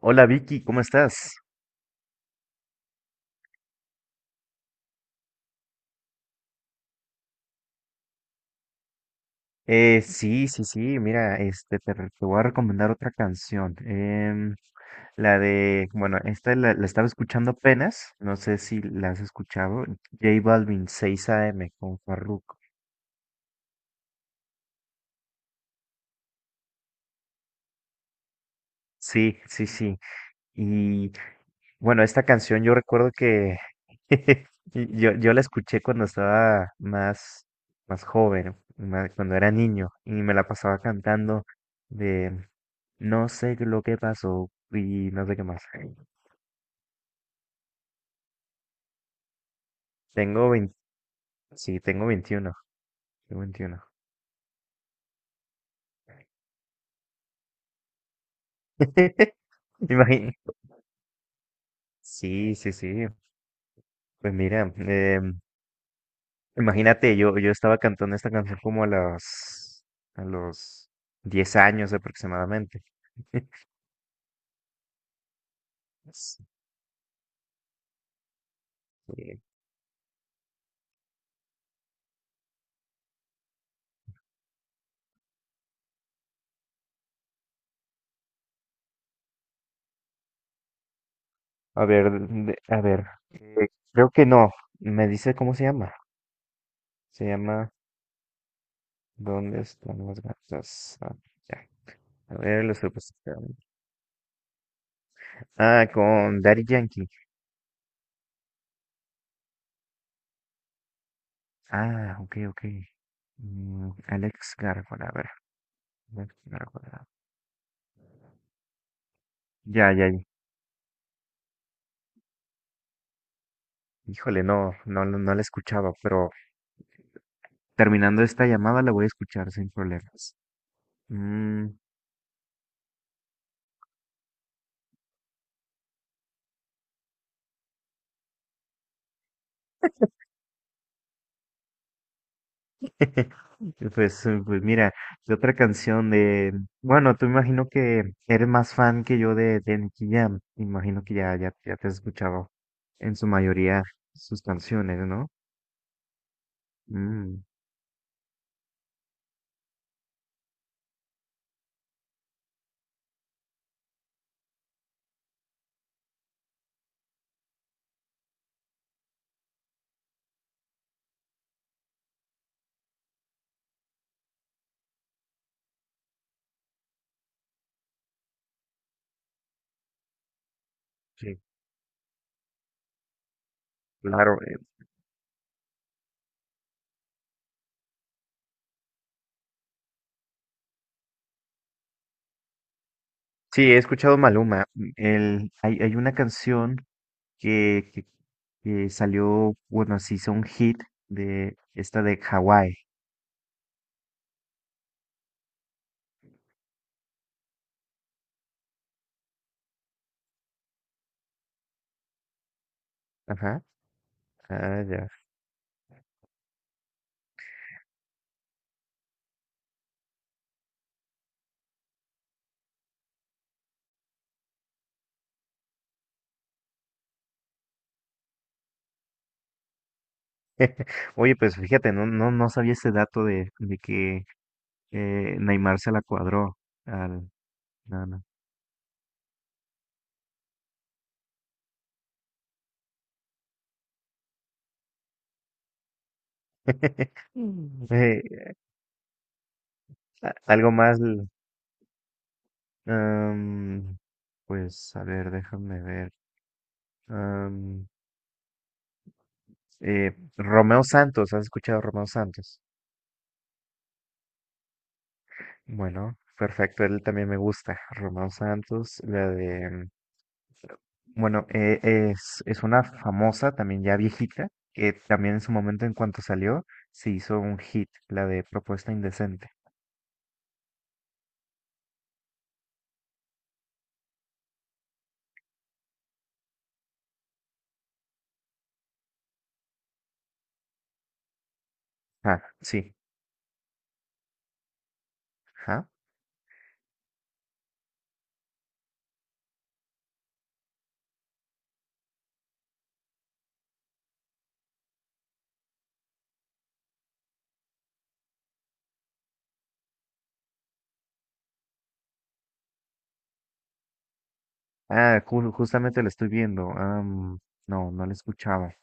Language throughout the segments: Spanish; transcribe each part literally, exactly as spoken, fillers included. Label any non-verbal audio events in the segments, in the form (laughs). Hola Vicky, ¿cómo estás? Eh, sí, sí, sí, mira, este, te, re- te voy a recomendar otra canción. Em, la de, bueno, esta la, la estaba escuchando apenas, no sé si la has escuchado, J Balvin seis a m con Farruko. Sí, sí, sí. Y Bueno, esta canción yo recuerdo que (laughs) yo, yo la escuché cuando estaba más, más joven, más- cuando era niño, y me la pasaba cantando de no sé lo que pasó y no sé qué más. Tengo veinte, sí, tengo veintiuno, tengo veintiuno. (laughs) Imagín- sí, sí, sí. Pues mira, em, imagínate, yo, yo estaba cantando esta canción como a los, a los diez años aproximadamente. (laughs) Eh, A ver, de- a ver. Eh, creo que no. Me dice cómo se llama. Se llama ¿Dónde están las gatas? Ah, ya. A ver, lo estoy buscando. Ah, con Daddy Yankee. Ah, ok, ok. Mm, Alex Gárgola, a ver. Alex Gárgola. Ya, ya, ya. Híjole, no, no, no, no la escuchaba, pero terminando esta llamada la voy a escuchar sin problemas. Mm. (laughs) Pues, eh, pues mira, de otra canción de... bueno, tú imagino que eres más fan que yo de, de Nicky Jam. Imagino que ya, ya, ya te has escuchado en su mayoría sus canciones, ¿no? Mm, sí, claro. eh, Sí, he escuchado Maluma. Mm, El, hay, hay una canción que, que, que salió, bueno, se hizo un hit de esta de Hawái. Ajá. Ah, ya. (laughs) Oye, pues fíjate, no, no, no sabía ese dato de, de que Eh, Neymar se la cuadró al no, no. (laughs) Mm. Eh, a- algo más, l- am, pues a ver, déjame ver. am, eh, Romeo Santos, ¿has escuchado a Romeo Santos? Bueno, perfecto, él también me gusta. Romeo Santos, la de, mm, bueno, eh, es, es una famosa, también ya viejita, que también en su momento, en cuanto salió, se hizo un hit, la de Propuesta Indecente. Ah, sí. Ajá. Ah, ju- justamente la estoy viendo. Am, no, no la escuchaba.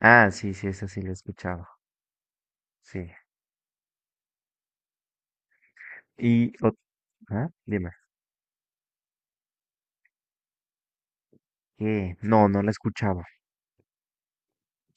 Ah, sí, sí, esa sí la escuchaba. Sí. Y, ot- ¿Ah? Dime. ¿Qué? No, no la escuchaba.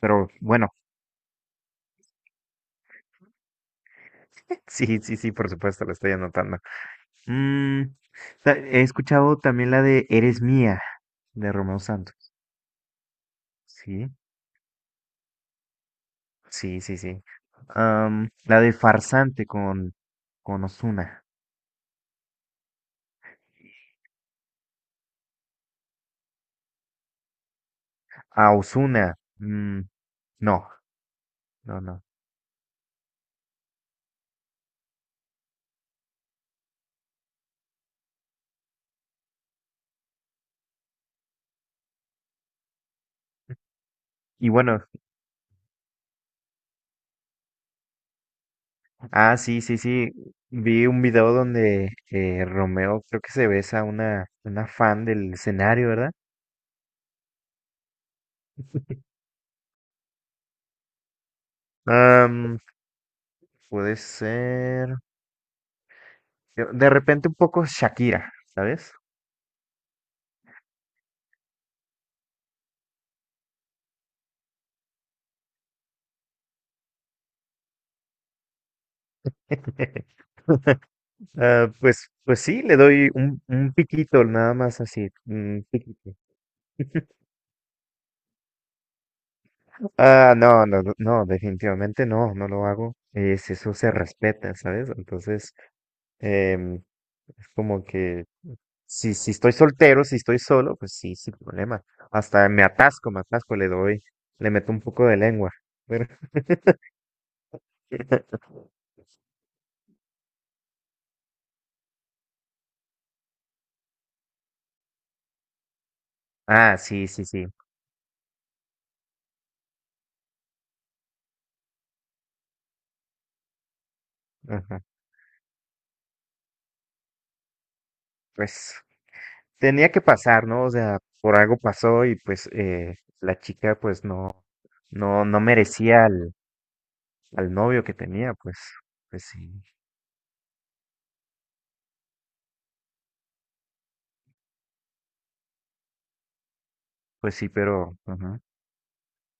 Pero bueno, (laughs) sí, sí, sí, por supuesto, la estoy anotando. Mm, ta- he escuchado también la de Eres Mía, de Romeo Santos. Sí, sí, sí, sí. Am, la de Farsante con, con Ozuna. A Ozuna. Mm, no, no, no. Y bueno. Ah, sí, sí, sí. Vi un video donde eh, Romeo creo que se besa a una, una fan del escenario, ¿verdad? Am, puede ser. yo- De repente un poco Shakira, ¿sabes? (laughs) Ah, pues, pues sí, le doy un, un piquito, nada más así, un piquito. (laughs) Ah, no, no, no, no, definitivamente no, no lo hago. Es, eso se respeta, ¿sabes? Entonces. Em, es como que si, si estoy soltero, si estoy solo, pues sí, sin problema. Hasta me atasco, me atasco, le doy, le meto un poco de lengua. Pero- (laughs) Ah, sí, sí, sí. Ajá. Pues tenía que pasar, ¿no? O sea, por algo pasó y pues eh, la chica pues no, no, no merecía al, al novio que tenía, pues, pues sí, pues sí, pero, ajá.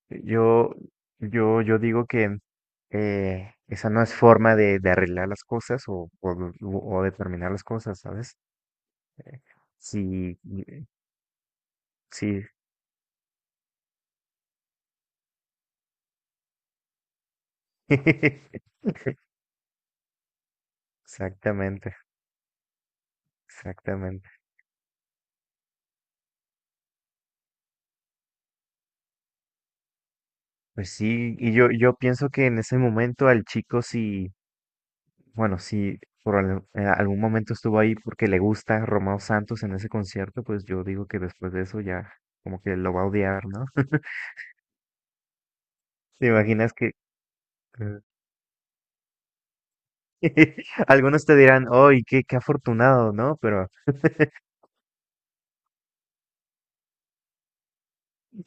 Yo, yo, yo digo que eh, esa no es forma de, de arreglar las cosas o, o, de o de terminar las cosas, ¿sabes? Eh, sí, eh, sí. (laughs) Exactamente, exactamente. Pues sí, y yo, yo pienso que en ese momento al chico sí, bueno, si por al- en algún momento estuvo ahí porque le gusta Romeo Santos en ese concierto, pues yo digo que después de eso ya como que lo va a odiar, ¿no? (laughs) ¿Te imaginas que... (laughs) Algunos te dirán, ¡ay, qué, qué afortunado, ¿no? Pero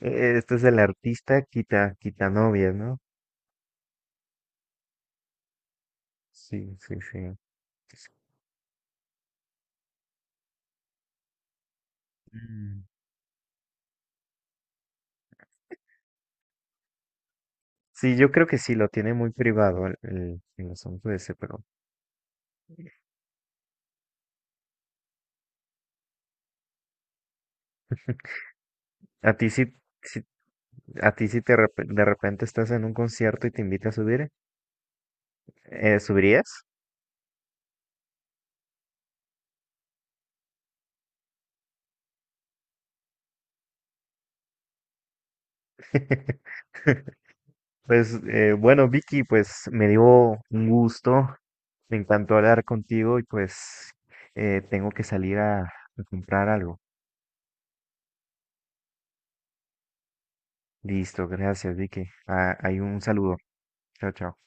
eh, este es el artista quita, quita novias, ¿no? Sí, sí, sí. Mm. Sí, yo creo que sí, lo tiene muy privado el, el- el asunto ese, pero a ti sí, sí- a ti sí te rep- de repente estás en un concierto y te invita a subir, eh, ¿subirías? (laughs) Pues eh, bueno, Vicky, pues me dio un gusto, me encantó hablar contigo y pues eh, tengo que salir a a comprar algo. Listo, gracias, Vicky. Ah, hay un saludo. Chao, chao.